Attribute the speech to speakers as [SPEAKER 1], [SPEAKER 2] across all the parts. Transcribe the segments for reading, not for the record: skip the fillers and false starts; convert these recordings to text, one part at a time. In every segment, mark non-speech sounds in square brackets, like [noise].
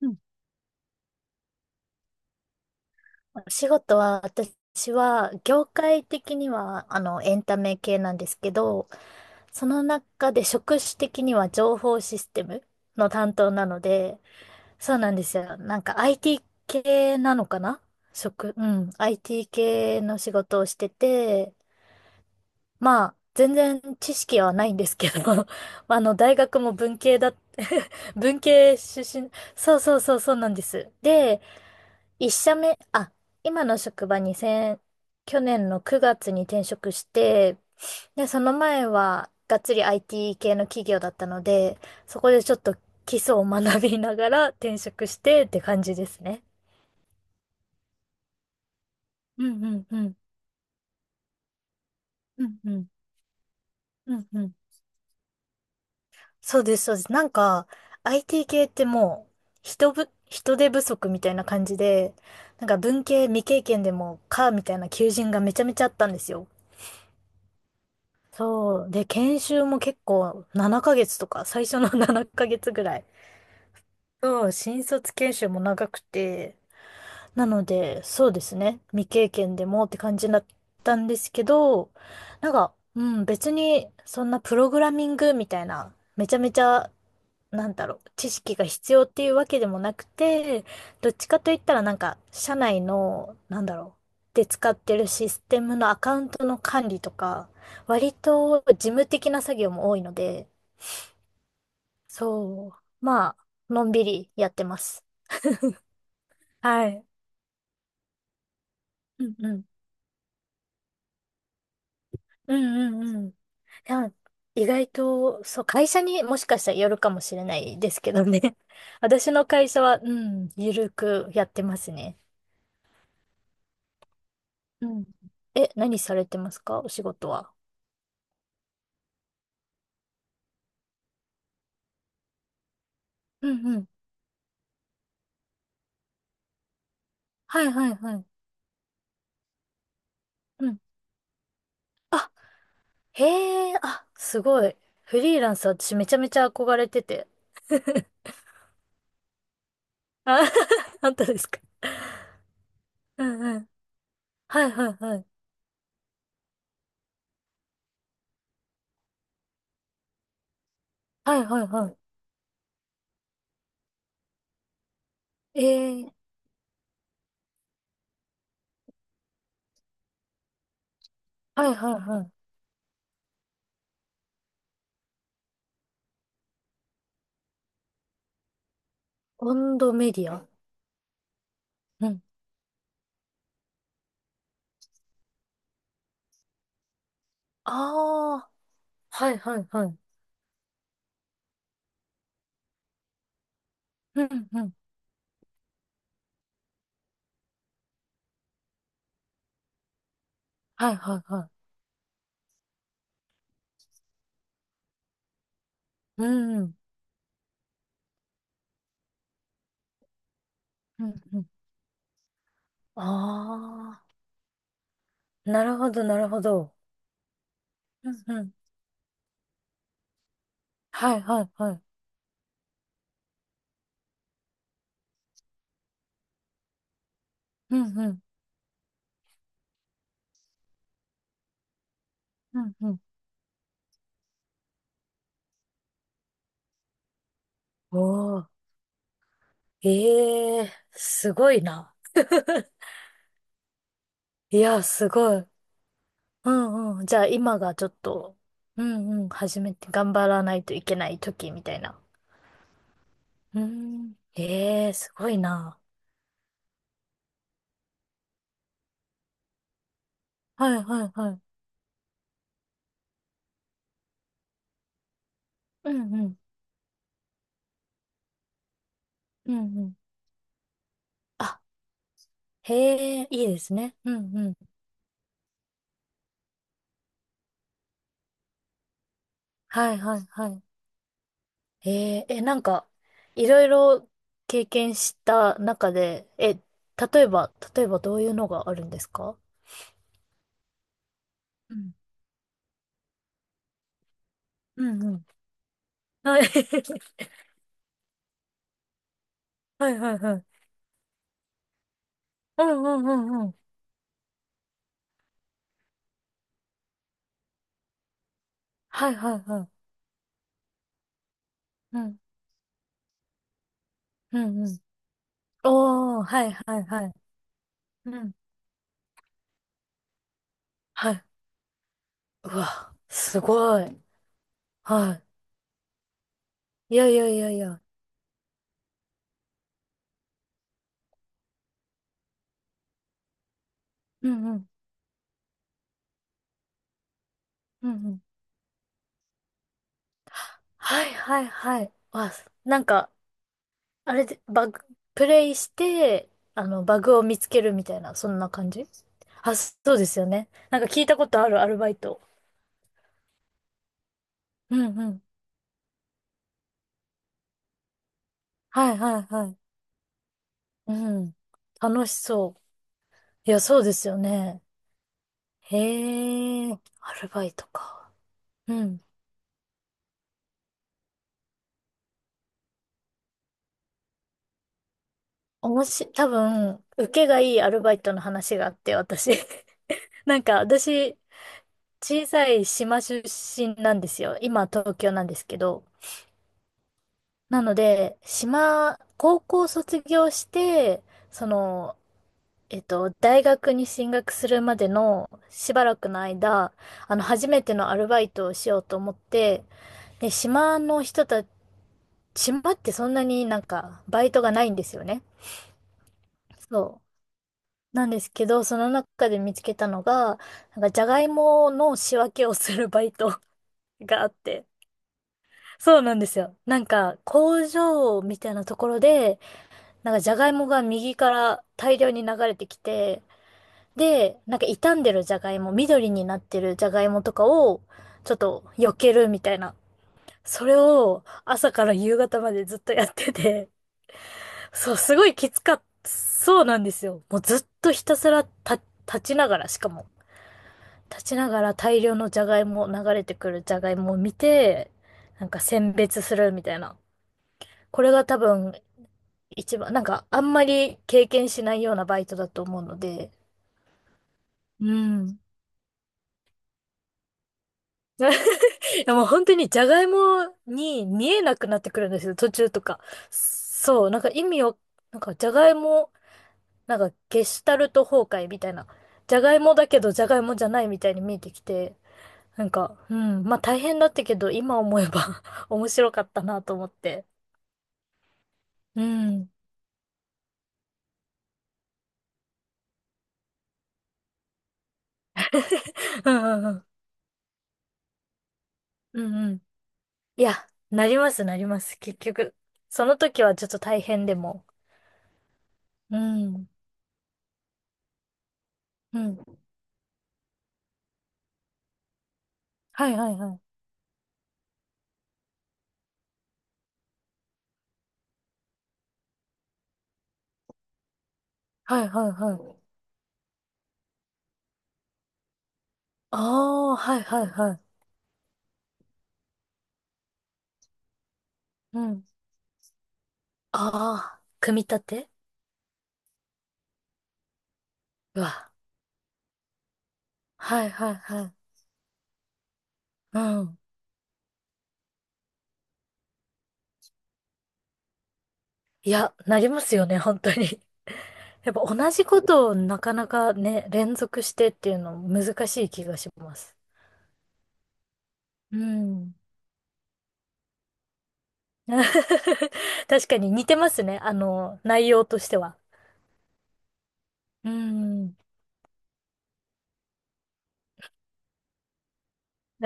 [SPEAKER 1] うんお仕事は、私は、業界的には、エンタメ系なんですけど、その中で職種的には情報システムの担当なので、そうなんですよ。なんか IT 系なのかなうん、IT 系の仕事をしてて、まあ、全然知識はないんですけど、[laughs] 大学も文系だ、[laughs] 文系出身、そうそうそうそうなんです。で、一社目、あ、今の職場に先、去年の9月に転職して、で、その前はがっつり IT 系の企業だったので、そこでちょっと基礎を学びながら転職してって感じですね。うんうんうん。うんうん。うんうん。そうです、そうです。なんか、IT 系ってもう、人手不足みたいな感じで、なんか文系未経験でもか、みたいな求人がめちゃめちゃあったんですよ。そう。で、研修も結構7ヶ月とか、最初の [laughs] 7ヶ月ぐらい。そう、新卒研修も長くて、なので、そうですね。未経験でもって感じだったんですけど、なんか、別にそんなプログラミングみたいな、めちゃめちゃ、なんだろう、知識が必要っていうわけでもなくて、どっちかといったらなんか、社内の使ってるシステムのアカウントの管理とか、割と事務的な作業も多いので、そう、まあ、のんびりやってます。はい。うんうん。うんうんうん。いや、意外と、そう、会社にもしかしたらよるかもしれないですけどね。[laughs] 私の会社は、ゆるくやってますね。うん。え、何されてますかお仕事は。うんうん。はいはいはい。うん。あ、へえ、あ、すごい。フリーランス私めちゃめちゃ憧れてて。あ、[laughs] 本当ですか。うんうん。はいはいはい。はいはいはい。ええ、はいはいはい。温度メディア。うん。ああ、はいはいはい。うんうん。はいはいはい。うんうん。うんうん。ああ、なるほどなるほど。うんうん。はいはいはい。うんうん。うんうん。おー。ええすごいな。[laughs] いや、すごい。うんうん。じゃあ今がちょっと、うんうん、始めて頑張らないといけない時みたいな。うん。ええすごいな。はいはいはい。うんうん。うんうん。あ、へえ、いいですね。うんうん。はいはいはい。え、なんか、いろいろ経験した中で、え、例えばどういうのがあるんですか。うん。うんうん。[laughs] はい。[laughs] はいはいはい。うんうんうんうん。はいはいはい。うん。うんうん。おー、はいはいはい。うん。はい。うわ、すごい。はい。いやいやいやいや。うんうん。うんうん。はいはいはい。わ、なんか、あれで、プレイして、あの、バグを見つけるみたいな、そんな感じ。あ、そうですよね。なんか聞いたことある、アルバイト。うんうん。はいはいはい。うん。楽しそう。いや、そうですよね。へえ、アルバイトか。うん。おもし、多分、受けがいいアルバイトの話があって、私。[laughs] なんか、私、小さい島出身なんですよ。今、東京なんですけど。なので、島、高校卒業して、その、大学に進学するまでのしばらくの間、あの、初めてのアルバイトをしようと思って、で、島の人たち、島ってそんなになんか、バイトがないんですよね。そう。なんですけど、その中で見つけたのが、なんか、じゃがいもの仕分けをするバイトがあって、そうなんですよ。なんか、工場みたいなところで、なんかじゃがいもが右から大量に流れてきて、で、なんか傷んでるじゃがいも、緑になってるじゃがいもとかを、ちょっと避けるみたいな。それを朝から夕方までずっとやってて、そう、すごいきつかった。そうなんですよ。もうずっとひたすら立ちながら、しかも、立ちながら大量のじゃがいも、流れてくるじゃがいもを見て、なんか選別するみたいな。これが多分一番、なんかあんまり経験しないようなバイトだと思うので、うん。[laughs] いやもう本当にじゃがいもに見えなくなってくるんですよ、途中とか。そう、なんか意味を、なんかじゃがいも、なんかゲシュタルト崩壊みたいな。じゃがいもだけどじゃがいもじゃないみたいに見えてきて、なんか、うん、まあ大変だったけど、今思えば [laughs] 面白かったなと思って。うん。[laughs] うんうんうん。うんうん。いや、なります、なります、結局。その時はちょっと大変でも。うん。うん。はいはいはい。はいはいはい。ああ、はいはいはい。うん。ああ、組み立て。うわ。はいはいはい。うん。いや、なりますよね、本当に。[laughs] やっぱ同じことをなかなかね、連続してっていうの難しい気がします。うん。[laughs] 確かに似てますね、あの、内容としては。うん。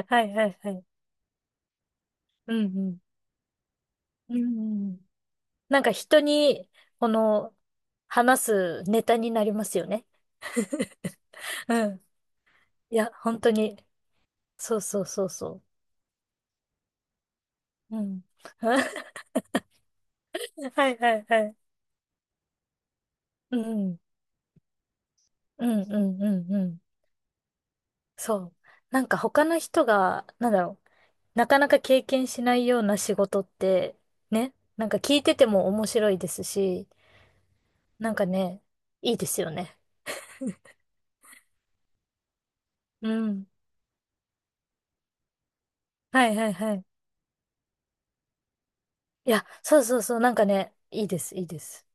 [SPEAKER 1] はいはいはい。うんうん。うんうん。なんか人に、この、話すネタになりますよね。[laughs] うん。いや、本当に。そうそうそうそう。うん。[laughs] はいはいはい。うん。うんうんうんうん。そう。なんか他の人が、なんだろう。なかなか経験しないような仕事って、ね。なんか聞いてても面白いですし、なんかね、いいですよね。うん。はいはいはい。いや、そうそうそう。なんかね、いいです、いいです。